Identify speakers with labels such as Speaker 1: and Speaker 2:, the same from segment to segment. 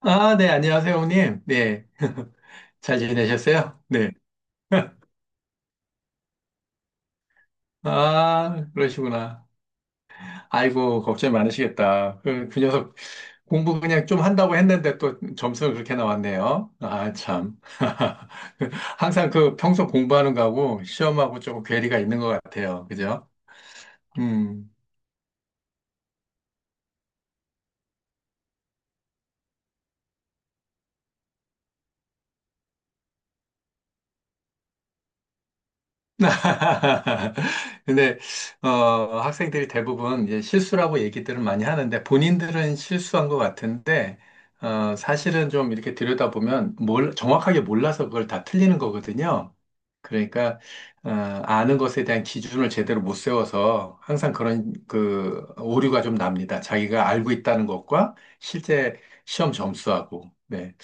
Speaker 1: 아, 네, 안녕하세요, 형님. 네. 잘 지내셨어요? 네. 아, 그러시구나. 아이고, 걱정이 많으시겠다. 그 녀석 공부 그냥 좀 한다고 했는데 또 점수가 그렇게 나왔네요. 아, 참. 항상 그 평소 공부하는 거하고 시험하고 조금 괴리가 있는 것 같아요. 그죠? 음. 근데 어, 학생들이 대부분 이제 실수라고 얘기들을 많이 하는데 본인들은 실수한 것 같은데 사실은 좀 이렇게 들여다보면 정확하게 몰라서 그걸 다 틀리는 거거든요. 그러니까 아는 것에 대한 기준을 제대로 못 세워서 항상 그런 그 오류가 좀 납니다. 자기가 알고 있다는 것과 실제 시험 점수하고. 네.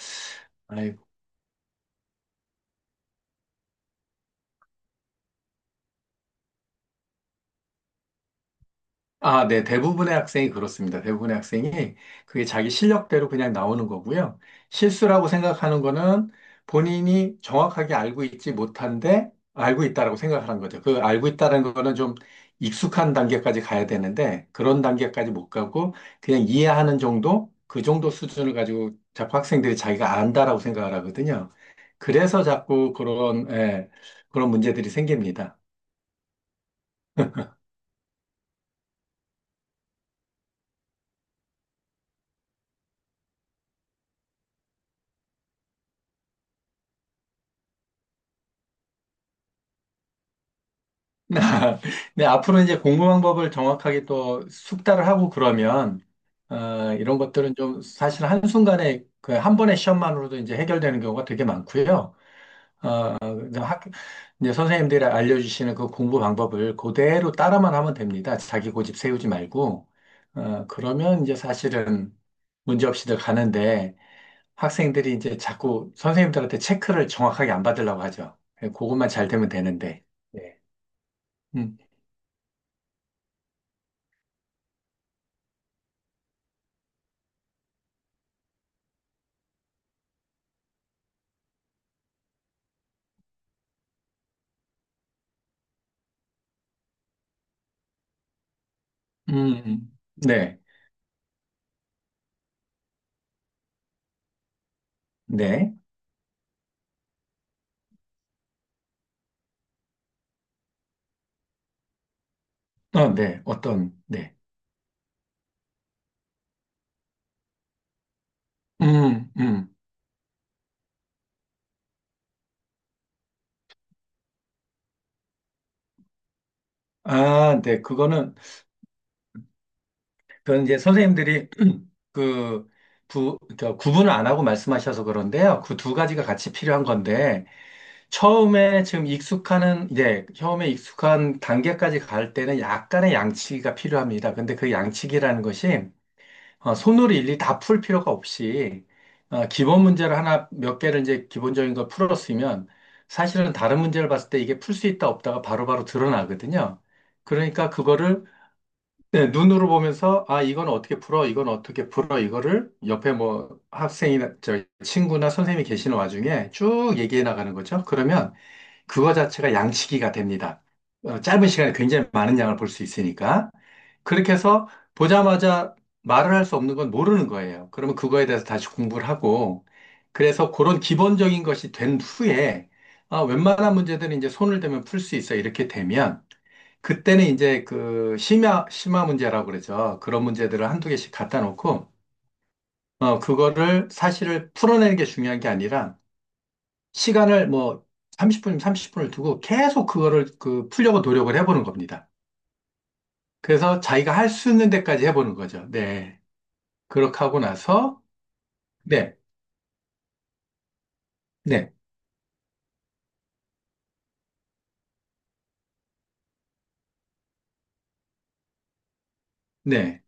Speaker 1: 아, 네. 대부분의 학생이 그렇습니다. 대부분의 학생이 그게 자기 실력대로 그냥 나오는 거고요. 실수라고 생각하는 거는 본인이 정확하게 알고 있지 못한데 알고 있다라고 생각하는 거죠. 그 알고 있다는 거는 좀 익숙한 단계까지 가야 되는데 그런 단계까지 못 가고 그냥 이해하는 정도? 그 정도 수준을 가지고 자꾸 학생들이 자기가 안다라고 생각을 하거든요. 그래서 자꾸 예, 그런 문제들이 생깁니다. 네, 앞으로 이제 공부 방법을 정확하게 또 숙달을 하고 그러면, 이런 것들은 좀 사실 한순간에 그 한 번의 시험만으로도 이제 해결되는 경우가 되게 많고요. 어, 이제 학, 이제 선생님들이 알려주시는 그 공부 방법을 그대로 따라만 하면 됩니다. 자기 고집 세우지 말고. 그러면 이제 사실은 문제 없이들 가는데 학생들이 이제 자꾸 선생님들한테 체크를 정확하게 안 받으려고 하죠. 예, 그것만 잘 되면 되는데. 네. 음, 네. 네. 어, 네. 네. 음, 음. 아, 네. 그건 이제 선생님들이 그, 그 구분을 안 하고 말씀하셔서 그런데요. 그 두 가지가 같이 필요한 건데, 예, 처음에 익숙한 단계까지 갈 때는 약간의 양치기가 필요합니다. 근데 그 양치기라는 것이 손으로 일일이 다 풀 필요가 없이 기본 문제를 하나 몇 개를 이제 기본적인 걸 풀었으면 사실은 다른 문제를 봤을 때 이게 풀 수 있다 없다가 바로바로 드러나거든요. 그러니까 그거를, 네, 눈으로 보면서 아, 이건 어떻게 풀어, 이건 어떻게 풀어, 이거를 옆에 뭐 학생이나 저 친구나 선생님이 계시는 와중에 쭉 얘기해 나가는 거죠. 그러면 그거 자체가 양치기가 됩니다. 짧은 시간에 굉장히 많은 양을 볼 수 있으니까. 그렇게 해서 보자마자 말을 할 수 없는 건 모르는 거예요. 그러면 그거에 대해서 다시 공부를 하고, 그래서 그런 기본적인 것이 된 후에, 아, 웬만한 문제들은 이제 손을 대면 풀 수 있어. 이렇게 되면, 그때는 이제 그 심화 문제라고 그러죠. 그런 문제들을 한두 개씩 갖다 놓고, 그거를 사실을 풀어내는 게 중요한 게 아니라, 시간을 뭐 30분, 30분을 두고 계속 그거를 그 풀려고 노력을 해보는 겁니다. 그래서 자기가 할 수 있는 데까지 해보는 거죠. 네. 그렇게 하고 나서, 네, 네, 네,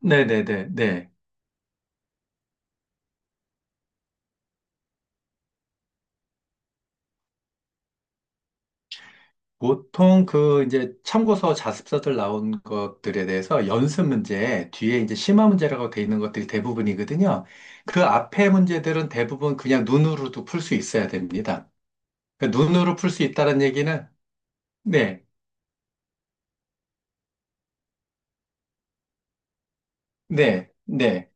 Speaker 1: 네, 네, 네, 네. 보통 그 이제 참고서 자습서들 나온 것들에 대해서 연습 문제 뒤에 이제 심화 문제라고 돼 있는 것들이 대부분이거든요. 그 앞에 문제들은 대부분 그냥 눈으로도 풀 수 있어야 됩니다. 그러니까 눈으로 풀 수 있다는 얘기는, 네, 네, 네.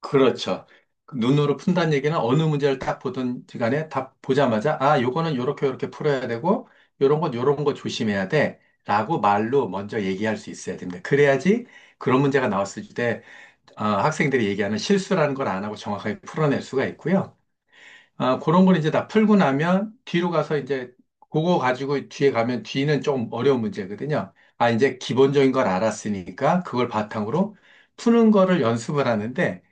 Speaker 1: 그렇죠. 그 눈으로 푼다는 얘기는 어느 문제를 딱 보든 간에 답 보자마자, 아, 요거는 요렇게 요렇게 풀어야 되고, 요런 건 요런 거 조심해야 돼, 라고 말로 먼저 얘기할 수 있어야 됩니다. 그래야지 그런 문제가 나왔을 때, 아, 학생들이 얘기하는 실수라는 걸 안 하고 정확하게 풀어낼 수가 있고요. 아, 그런 걸 이제 다 풀고 나면 뒤로 가서 이제 그거 가지고 뒤에 가면 뒤는 좀 어려운 문제거든요. 아, 이제 기본적인 걸 알았으니까 그걸 바탕으로 푸는 거를 연습을 하는데,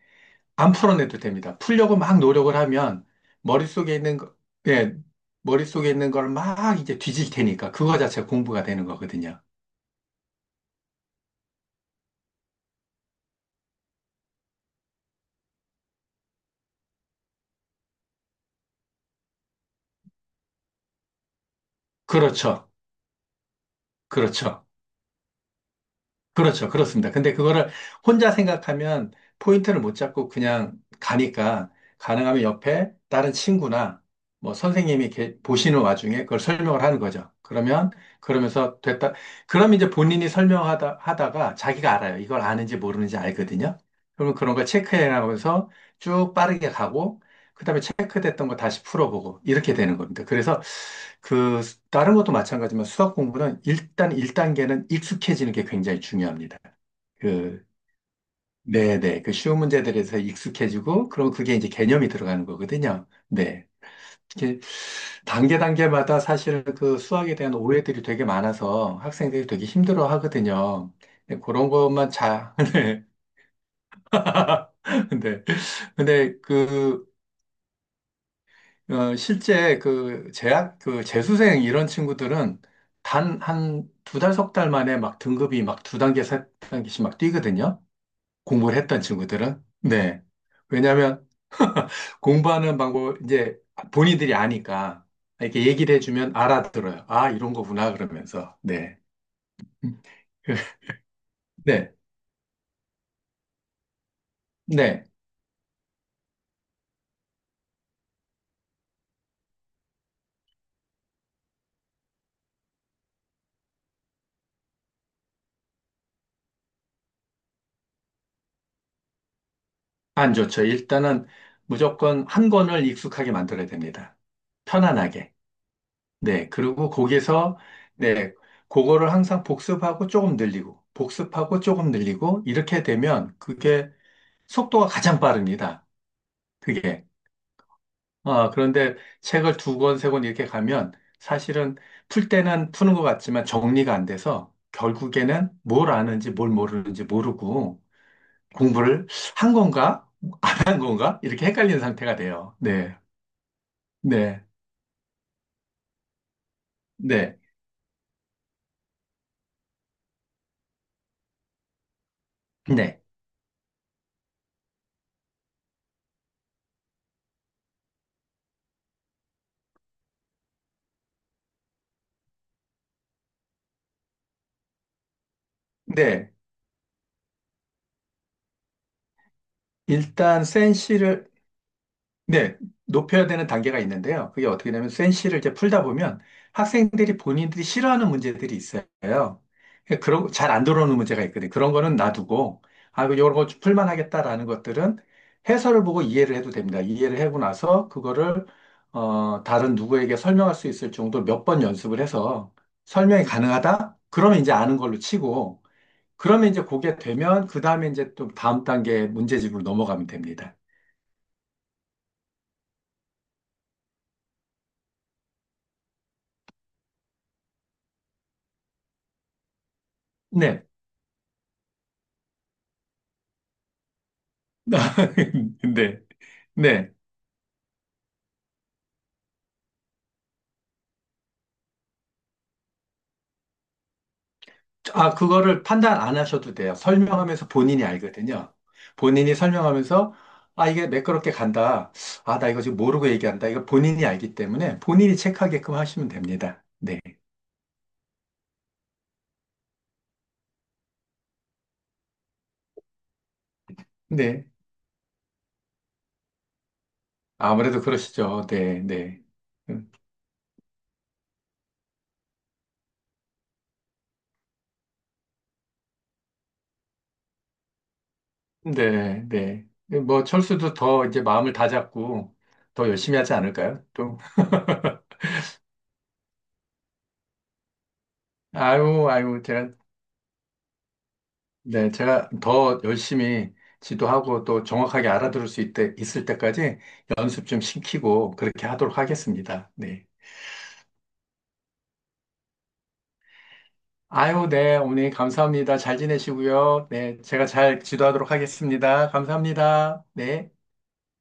Speaker 1: 안 풀어내도 됩니다. 풀려고 막 노력을 하면 머릿속에 있는 거, 예, 머릿속에 있는 걸 막 이제 뒤질 테니까 그거 자체가 공부가 되는 거거든요. 그렇죠. 그렇죠. 그렇죠. 그렇습니다. 근데 그거를 혼자 생각하면 포인트를 못 잡고 그냥 가니까 가능하면 옆에 다른 친구나 뭐 선생님이 이렇게 보시는 와중에 그걸 설명을 하는 거죠. 그러면, 그러면서 됐다. 그럼 이제 본인이 하다가 자기가 알아요. 이걸 아는지 모르는지 알거든요. 그러면 그런 걸 체크해 나가면서 쭉 빠르게 가고 그다음에 체크됐던 거 다시 풀어보고 이렇게 되는 겁니다. 그래서 다른 것도 마찬가지지만 수학 공부는 일단 1단계는 익숙해지는 게 굉장히 중요합니다. 그 네네, 그 쉬운 문제들에서 익숙해지고 그럼 그게 이제 개념이 들어가는 거거든요. 네. 이렇게 단계 단계마다 사실 그 수학에 대한 오해들이 되게 많아서 학생들이 되게 힘들어 하거든요. 그런 것만 잘, 네. 근데 실제 그 그 재수생 이런 친구들은 단 한 두 달, 석 달 만에 막 등급이 막 두 단계, 세 단계씩 막 뛰거든요. 공부를 했던 친구들은. 네. 왜냐하면 공부하는 방법, 이제 본인들이 아니까 이렇게 얘기를 해주면 알아들어요. 아, 이런 거구나, 그러면서. 네. 음. 네. 네. 안 좋죠. 일단은 무조건 한 권을 익숙하게 만들어야 됩니다. 편안하게. 네, 그리고 거기서, 네, 그거를 항상 복습하고 조금 늘리고, 복습하고 조금 늘리고, 이렇게 되면 그게 속도가 가장 빠릅니다. 그게. 아, 그런데 책을 두 권, 세 권 이렇게 가면 사실은 풀 때는 푸는 것 같지만 정리가 안 돼서 결국에는 뭘 아는지 뭘 모르는지 모르고 공부를 한 건가? 안 한 건가? 이렇게 헷갈리는 상태가 돼요. 네, 네, 네, 네, 네. 일단 센시를, 네, 높여야 되는 단계가 있는데요. 그게 어떻게 되냐면 센시를 이제 풀다 보면 학생들이 본인들이 싫어하는 문제들이 있어요. 그러니까 그런 잘 안 들어오는 문제가 있거든요. 그런 거는 놔두고 아, 이런 거 좀 풀만 하겠다라는 것들은 해설을 보고 이해를 해도 됩니다. 이해를 하고 나서 그거를 다른 누구에게 설명할 수 있을 정도로 몇 번 연습을 해서 설명이 가능하다? 그러면 이제 아는 걸로 치고 그러면 이제 그게 되면 그 다음에 이제 또 다음 단계 문제집으로 넘어가면 됩니다. 네. 네, 네. 아, 그거를 판단 안 하셔도 돼요. 설명하면서 본인이 알거든요. 본인이 설명하면서, 아, 이게 매끄럽게 간다. 아, 나 이거 지금 모르고 얘기한다. 이거 본인이 알기 때문에 본인이 체크하게끔 하시면 됩니다. 네, 네. 아무래도 그러시죠. 네, 네. 음, 네, 네. 뭐, 철수도 더 이제 마음을 다잡고 더 열심히 하지 않을까요? 또. 아유, 아유, 제가 네, 제가 더 열심히 지도하고 또 정확하게 알아들을 수 있을 때까지 연습 좀 시키고 그렇게 하도록 하겠습니다. 네. 아유, 네, 어머니 감사합니다. 잘 지내시고요. 네, 제가 잘 지도하도록 하겠습니다. 감사합니다. 네.